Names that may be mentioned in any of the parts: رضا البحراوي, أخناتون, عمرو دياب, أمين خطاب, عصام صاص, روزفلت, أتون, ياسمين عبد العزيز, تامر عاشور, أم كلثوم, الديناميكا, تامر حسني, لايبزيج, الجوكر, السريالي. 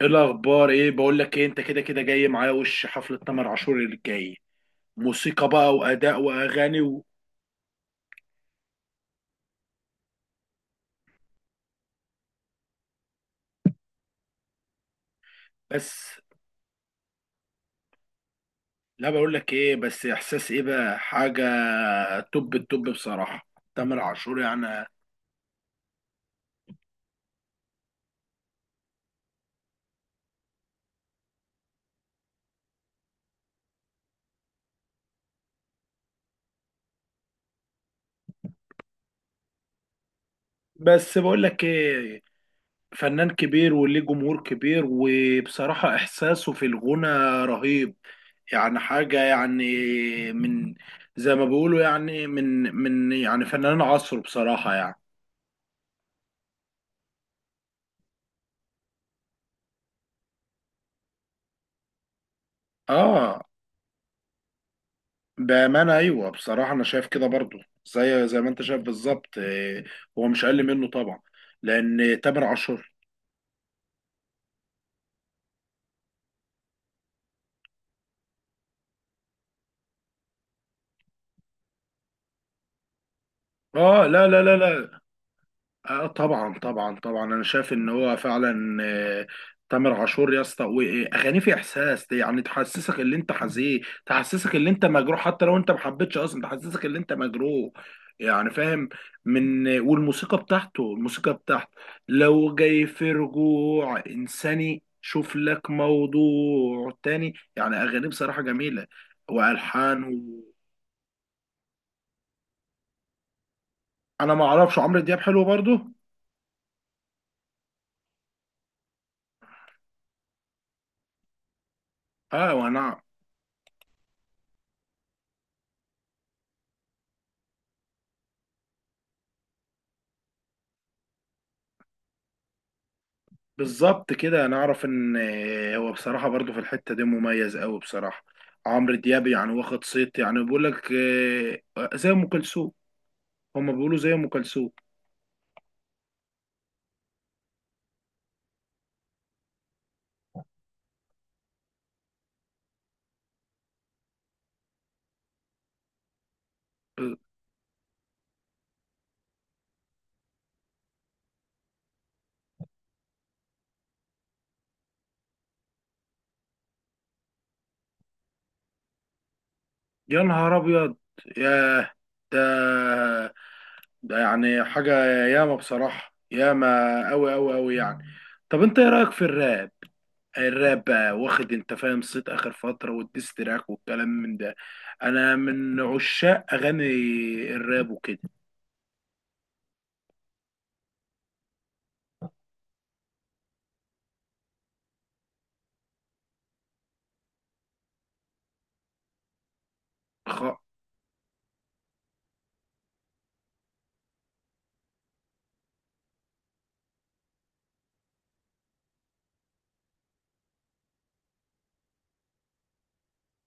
ايه الاخبار؟ ايه بقول لك ايه انت كده كده جاي معايا وش حفله تامر عاشور اللي جاي؟ موسيقى بقى واداء واغاني و... بس، لا بقول لك ايه، بس احساس ايه بقى حاجه. توب التوب بصراحه. تامر عاشور يعني. بس بقول لك ايه، فنان كبير وليه جمهور كبير وبصراحه احساسه في الغنى رهيب. يعني حاجه يعني، من زي ما بيقولوا يعني من يعني فنان عصره بصراحه يعني. اه، بأمانة أيوة. بصراحة أنا شايف كده برضو، زي ما أنت شايف بالظبط، إيه، هو مش أقل منه طبعا، لأن تامر عاشور... لا لا لا لا، آه طبعا طبعا طبعا، انا شايف ان هو فعلا تامر عاشور يا اسطى، واغانيه في احساس دي. يعني تحسسك ان انت حزين، تحسسك ان انت مجروح، حتى لو انت ما حبيتش اصلا تحسسك ان انت مجروح يعني، فاهم. والموسيقى بتاعته، الموسيقى بتاعته لو جاي في رجوع انساني شوف لك موضوع تاني، يعني اغانيه بصراحة جميلة، والحان و... انا ما اعرفش، عمرو دياب حلو برضه. اه، وانا بالظبط كده، انا اعرف ان هو بصراحه برضو في الحته دي مميز قوي بصراحه. عمرو دياب يعني واخد صيت، يعني بيقول لك زي ام كلثوم، هما بيقولوا زي ام كلثوم. آه، يا نهار ابيض! ياه! ده ده يعني حاجه. ياما بصراحه، ياما قوي قوي قوي يعني. طب انت ايه رايك في الراب؟ الراب بقى واخد انت فاهم صيت اخر فتره، والديستراك والكلام من ده. انا من عشاق اغاني الراب وكده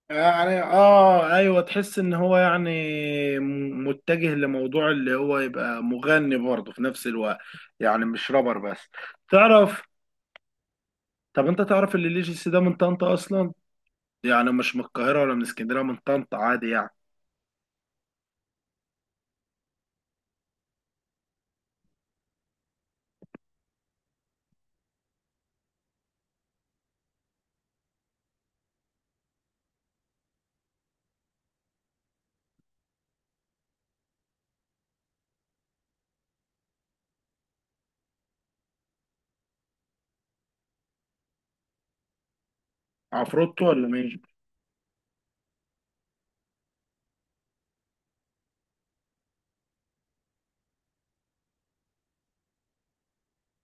يعني. اه ايوه، تحس ان هو يعني متجه لموضوع اللي هو يبقى مغني برضه في نفس الوقت، يعني مش رابر بس. تعرف، طب انت تعرف اللي ليجيسي ده من طنطا اصلا؟ يعني مش من القاهره ولا من اسكندريه، من طنطا عادي يعني. عفروتو ولا مين؟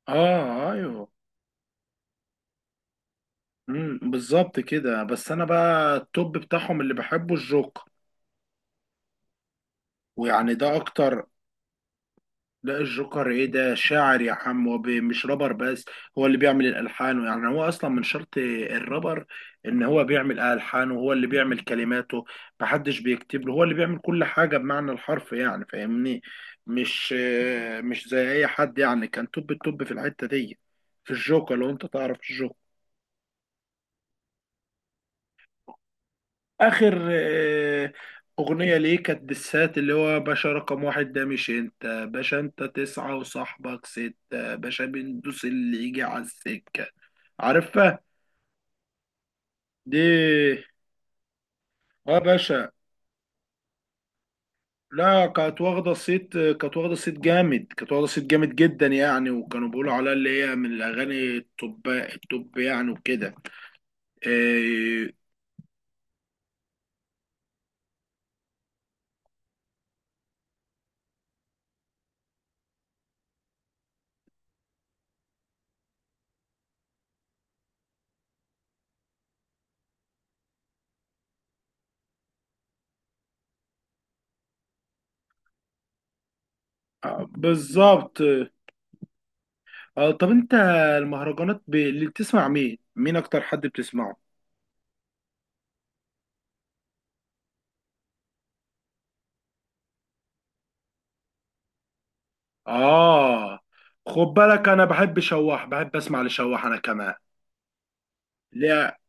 اه ايوه. امم، بالظبط كده. بس انا بقى التوب بتاعهم اللي بحبه الجوكر، ويعني ده اكتر. لا الجوكر ايه ده، شاعر يا حم ومش رابر بس. هو اللي بيعمل الالحان، يعني هو اصلا من شرط الرابر ان هو بيعمل الحانه، وهو اللي بيعمل كلماته. محدش بيكتب له، هو اللي بيعمل كل حاجه بمعنى الحرف يعني فاهمني. مش مش زي اي حد يعني. كان توب التوب في الحته دي، في الجوكر لو انت تعرف الجوكر. اخر اغنيه ليه كانت بالسات، اللي هو باشا رقم واحد، ده مش انت باشا، انت تسعة وصاحبك ستة، باشا بندوس اللي يجي على السكه. عارفها؟ دي، اه، باشا. لا كانت واخده صيت، كانت واخده صيت جامد، كانت واخده صيت جامد جدا يعني، وكانوا بيقولوا عليها اللي هي من الاغاني التوب التوب يعني وكده. آه، آه، بالظبط. آه، طب انت المهرجانات اللي بتسمع مين؟ اكتر حد بتسمعه؟ آه، خد بالك، أنا بحب شواح، بحب أسمع لشواح أنا كمان. لا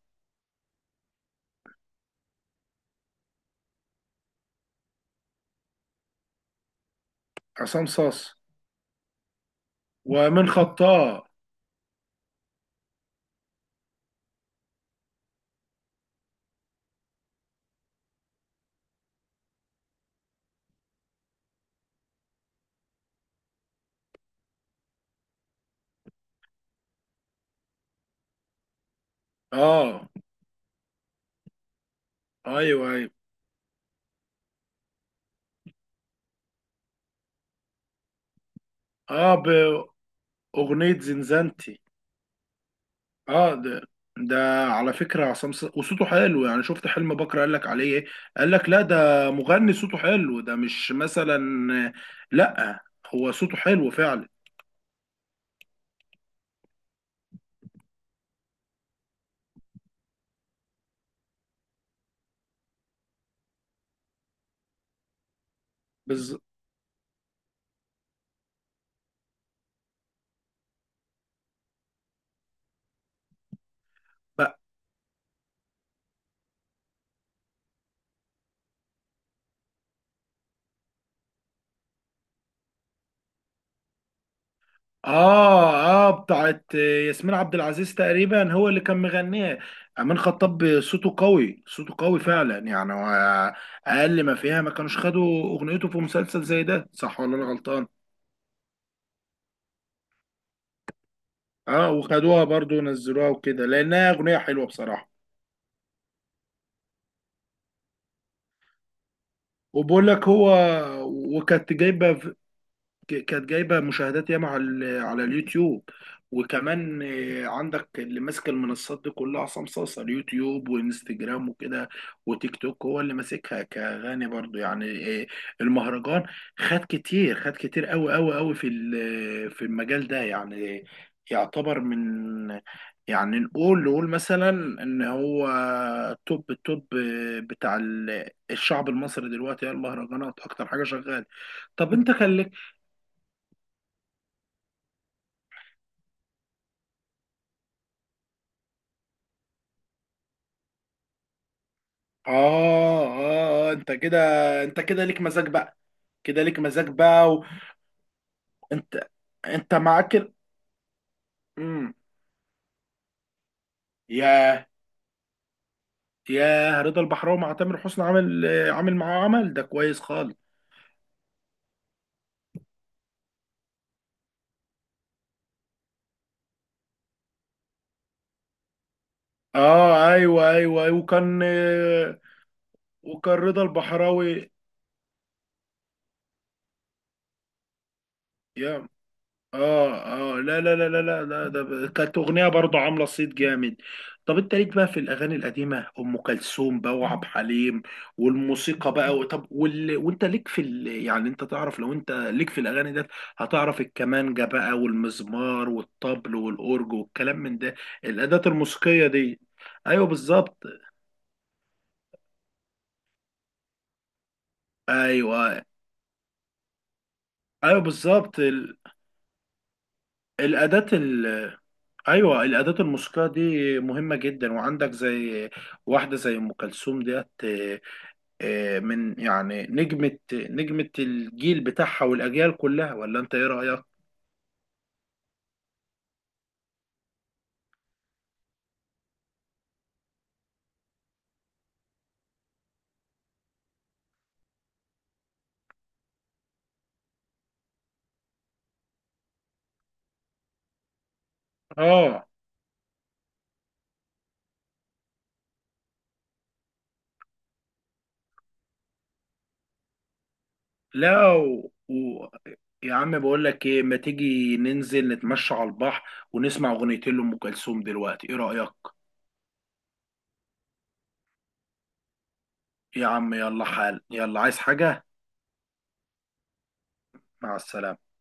عصام صاص، ومن خطاه. آه أيوه أيوه. آه، بأغنية زنزانتي. آه ده، ده على فكرة عصام صاص وصوته حلو يعني. شفت حلم بكرة قال لك عليه إيه؟ قال لك لا ده مغني صوته حلو ده، مش مثلا... لا هو صوته حلو فعلا. بز... اه اه، بتاعت ياسمين عبد العزيز تقريبا هو اللي كان مغنيها. امين خطاب صوته قوي، صوته قوي فعلا يعني هو. اقل ما فيها ما كانوش خدوا اغنيته في مسلسل زي ده، صح ولا انا غلطان؟ اه وخدوها برضو ونزلوها وكده لانها اغنيه حلوه بصراحه. وبقول لك هو... وكانت جايبه، كانت جايبه مشاهدات ياما على على اليوتيوب. وكمان آه، عندك اللي ماسك المنصات دي كلها عصام صاصا: اليوتيوب وانستجرام وكده وتيك توك، هو اللي ماسكها كغني برضو يعني. آه، المهرجان خد كتير، خد كتير قوي قوي قوي في في المجال ده يعني. يعتبر من... يعني نقول مثلا ان هو توب التوب بتاع الشعب المصري دلوقتي. هي المهرجانات اكتر حاجه شغاله. طب انت كان لك... آه آه آه، أنت كده ليك مزاج بقى، كده ليك مزاج بقى. وأنت أنت معاك مم. ياه، ياه رضا البحراوي مع تامر حسني، عامل معاه عمل ده كويس خالص. آه أيوه أيوه أيوه، وكان آه، وكان رضا البحراوي يا... اه اه، لا لا لا لا لا لا، ده كانت اغنيه برضه عامله صيت جامد. طب انت ليك بقى في الاغاني القديمه ام كلثوم بقى وعبد الحليم والموسيقى بقى طب وانت ليك في يعني انت تعرف، لو انت ليك في الاغاني ده هتعرف الكمانجه بقى والمزمار والطبل والاورج والكلام من ده. الاداه الموسيقيه دي. ايوه بالظبط. ايوه ايوه بالظبط. الاداه. ايوه الاداه الموسيقيه دي مهمه جدا. وعندك زي واحده زي ام كلثوم ديت آه، آه، يعني نجمه الجيل بتاعها والاجيال كلها، ولا انت ايه رايك؟ اه لا، و... و... يا عم بقول لك ايه، ما تيجي ننزل نتمشى على البحر ونسمع اغنيتين لام كلثوم دلوقتي، ايه رايك؟ يا عم يلا حال، يلا عايز حاجه؟ مع السلامه.